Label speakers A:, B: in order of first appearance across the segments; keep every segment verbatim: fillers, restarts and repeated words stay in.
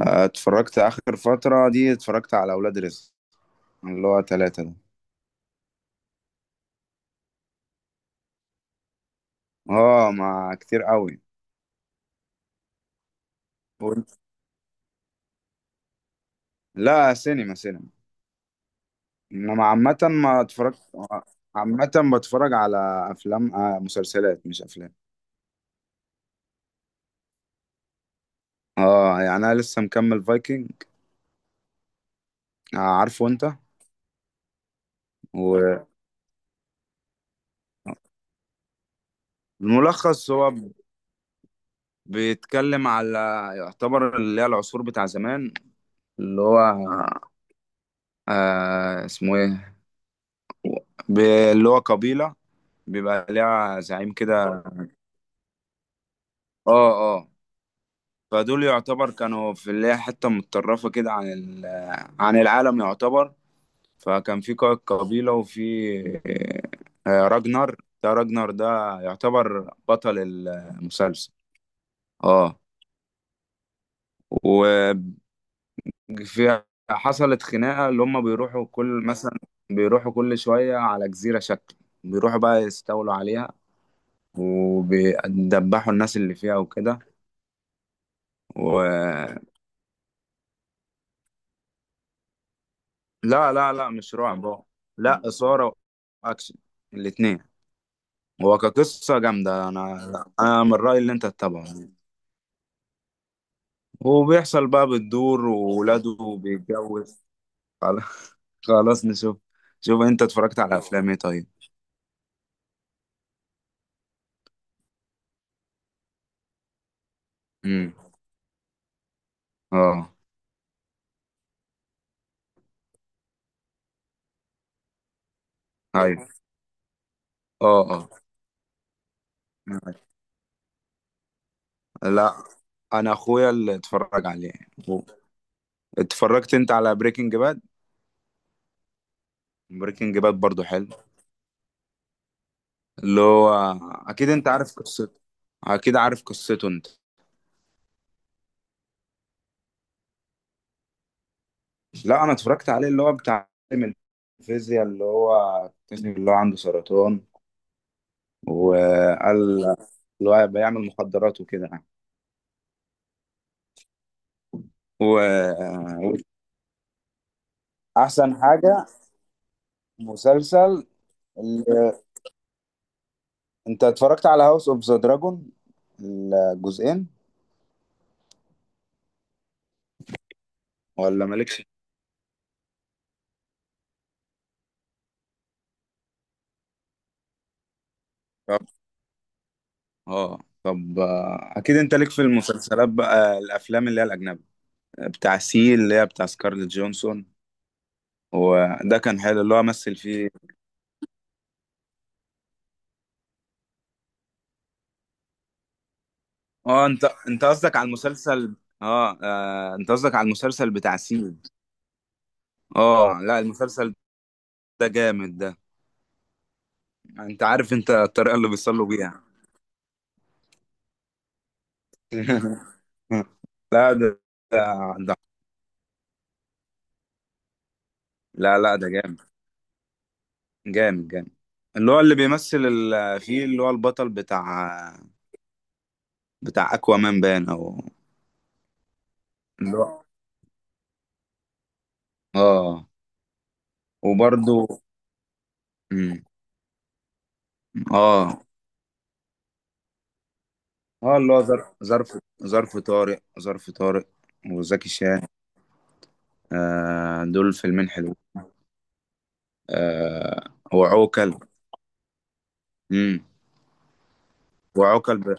A: آه، اتفرجت اخر فترة دي اتفرجت على اولاد رزق، اللي هو ثلاثة ده. اه، مع كتير قوي. وانت- لا، سينما سينما. انما عامة ما اتفرجت. آه، عامة بتفرج على افلام. آه مسلسلات مش افلام. اه يعني انا لسه مكمل فايكنج. آه عارفه انت. والملخص هو بيتكلم على، يعتبر اللي هي العصور بتاع زمان، اللي هو آه اسمه ايه، ب- اللي هو قبيلة بيبقى ليها زعيم كده. اه. اه. فدول يعتبر كانوا في اللي هي حتة متطرفة كده عن ال- عن العالم يعتبر. فكان في قائد قبيلة وفي آه، راجنر. ده راجنر ده يعتبر بطل المسلسل. اه. وفي حصلت خناقة اللي هم بيروحوا كل مثلا بيروحوا كل شوية على جزيرة شكل، بيروحوا بقى يستولوا عليها وبيدبحوا الناس اللي فيها وكده. لا لا لا، مش رعب هو. لا، إثارة وأكشن، الاتنين. هو كقصة جامدة، أنا أنا من رأيي اللي أنت تتابعه يعني. وبيحصل بقى بتدور وولاده بيتجوز. خلاص. خلاص نشوف. شوف أنت اتفرجت على أفلام إيه طيب. امم. اه. أيوه. اه. اه. لا، أنا أخويا اللي اتفرج عليه. هو- اتفرجت أنت على بريكنج باد؟ بريكنج باد برضو حلو. اللي هو أكيد أنت عارف قصته، أكيد عارف قصته أنت. لا، انا اتفرجت عليه، اللي هو بتاع عالم الفيزياء، اللي هو اكتشف اللي هو عنده سرطان وقال اللي هو بيعمل مخدرات وكده يعني. و... احسن حاجة، مسلسل. ال- انت اتفرجت على هاوس اوف ذا دراجون الجزئين؟ ولا مالكش. طب. اه طب آه، اكيد انت ليك في المسلسلات بقى الافلام اللي هي الاجنبي، بتاع سي اللي هي بتاع سكارليت جونسون. وده كان حلو، اللي هو مثل فيه. اه انت انت قصدك على المسلسل. اه، آه، انت قصدك على المسلسل بتاع سيد. اه. لا، المسلسل ده جامد ده. انت عارف انت الطريقة اللي بيصلوا بيها. لا ده ده ده- لا لا، ده جامد، جامد جامد. اللي هو اللي بيمثل ال- فيه اللي هو البطل بتاع، بتاع اكوا مان بان او، اللي هو. اه وبرده. مم. اه. اه. اللي هو ظرف ظرف ظرف طارق ظرف طارق وزكي شان. آه دول فيلمين حلو. آه وعوكل. امم. وعوكل ب...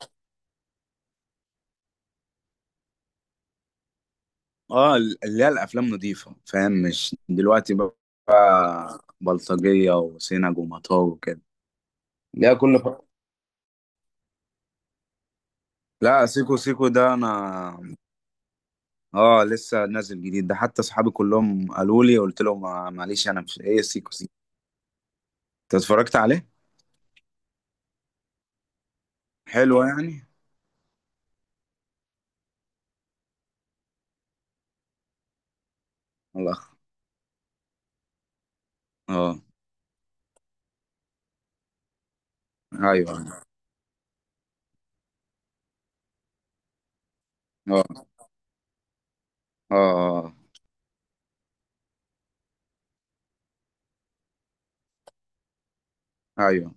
A: اه، اللي هي الافلام نظيفه فاهم، مش دلوقتي بقى بلطجيه وسينج ومطاوي وكده. لا كل ف... لا، سيكو سيكو ده انا اه لسه نازل جديد ده، حتى صحابي كلهم قالوا لي، قلت لهم ما- معلش انا مش ايه سيكو سيكو. انت اتفرجت عليه؟ حلو يعني. الله. اه. ايوه. أيوه. اه. اه. آه. آه. ايوه.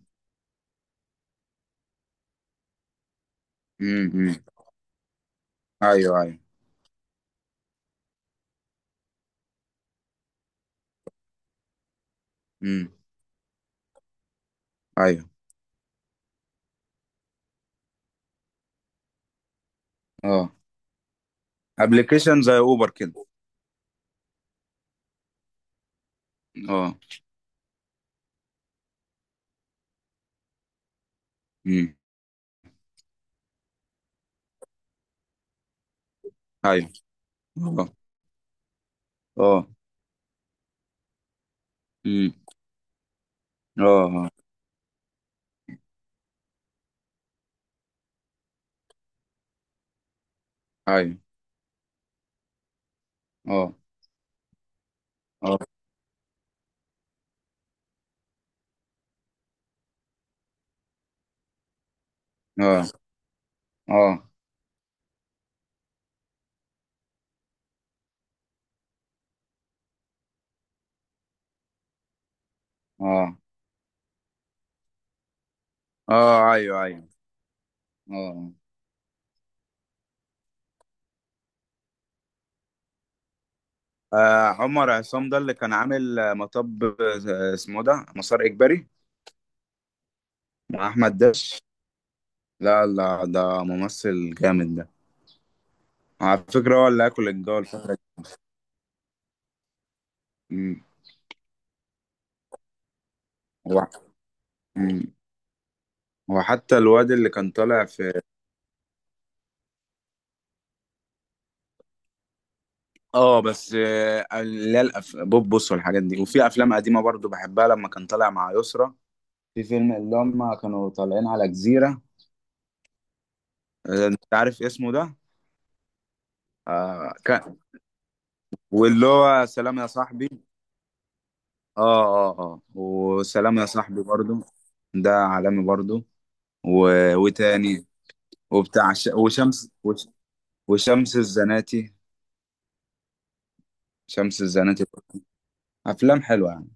A: امم. أمم. ايوه. ايوه. امم. ايوه. اه، ابلكيشن زي اوبر كده. اه. امم. ايوه. اه. اه. امم. اه. آه. ايوه. اه. اه. اه. اه. اه. اه. ايوه. ايوه. اه، آه، عمر عصام ده اللي كان عامل آه، مطب، آه، اسمه ده مسار اجباري مع احمد داش. لا لا، ده ممثل جامد ده. على فكره هو اللي هاكل الجو الفتره دي. أمم. هو. أمم. هو حتى الواد اللي كان طالع في اه، بس آه، اللي هي الأف- بوبوس والحاجات دي. وفي افلام قديمه برضو بحبها لما كان طالع مع يسرا، في فيلم اللي هم كانوا طالعين على جزيره. آه، انت عارف اسمه ده؟ آه كان، واللي هو سلام يا صاحبي. اه اه اه، وسلام يا صاحبي برضو ده عالمي برضو. و... وتاني. وبتاع ش... وشمس وش... وشمس الزناتي. شمس الزناتي برضو. افلام حلوه يعني.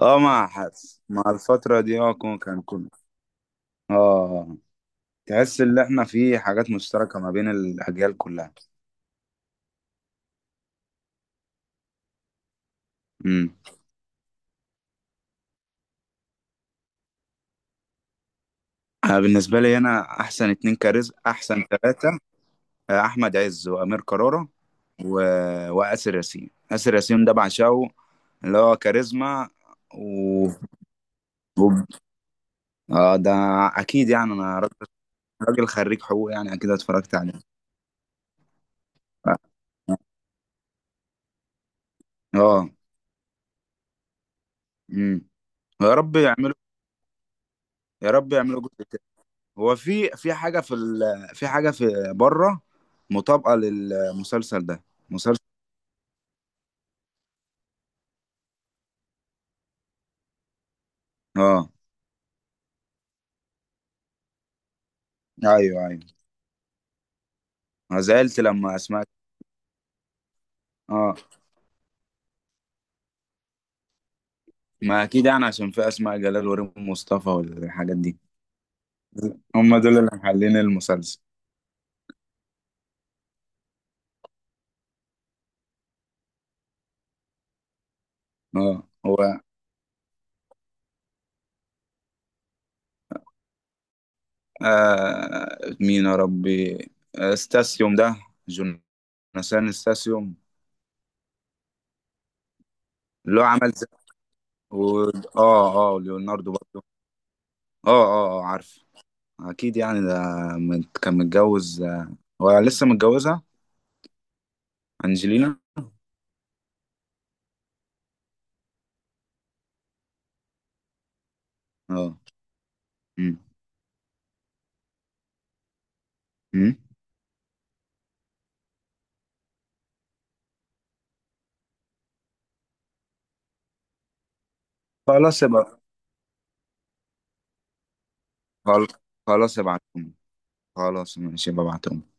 A: اه، مع حدث مع الفتره دي اه، كون- كان كله. اه آه. تحس ان احنا في حاجات مشتركة ما بين الاجيال كلها. امم. انا بالنسبة لي انا احسن اتنين كاريزما، احسن ثلاثة، آه، احمد عز وامير كرارة و... واسر ياسين. اسر ياسين ده بعشقه، اللي هو كاريزما. و... و... اه، ده اكيد يعني، انا راجل، راجل خريج حقوق يعني، اكيد اتفرجت عليه. اه. امم. يا رب يعملوا يا رب يعملوا جزء. هو في في حاجة في ال... في حاجة في بره مطابقة للمسلسل ده. مسلسل. اه، ايوه ايوه. انا زعلت لما اسماء. اه، ما اكيد يعني عشان في اسماء جلال وريم مصطفى والحاجات دي. هم دول اللي محللين المسلسل. اه. هو آه مين يا ربي. آه، استاسيوم ده، جوناثان استاسيوم. اللي هو عمل زي و... اه. اه، ليوناردو برضه. اه. اه. آه، عارف، اكيد يعني ده مت- كان متجوز، آه، هو لسه متجوزها، انجلينا. اه. أمم. أمم. خلاص يبقى. خل- خلاص ابعتهم. خلاص ماشي ببعتهم.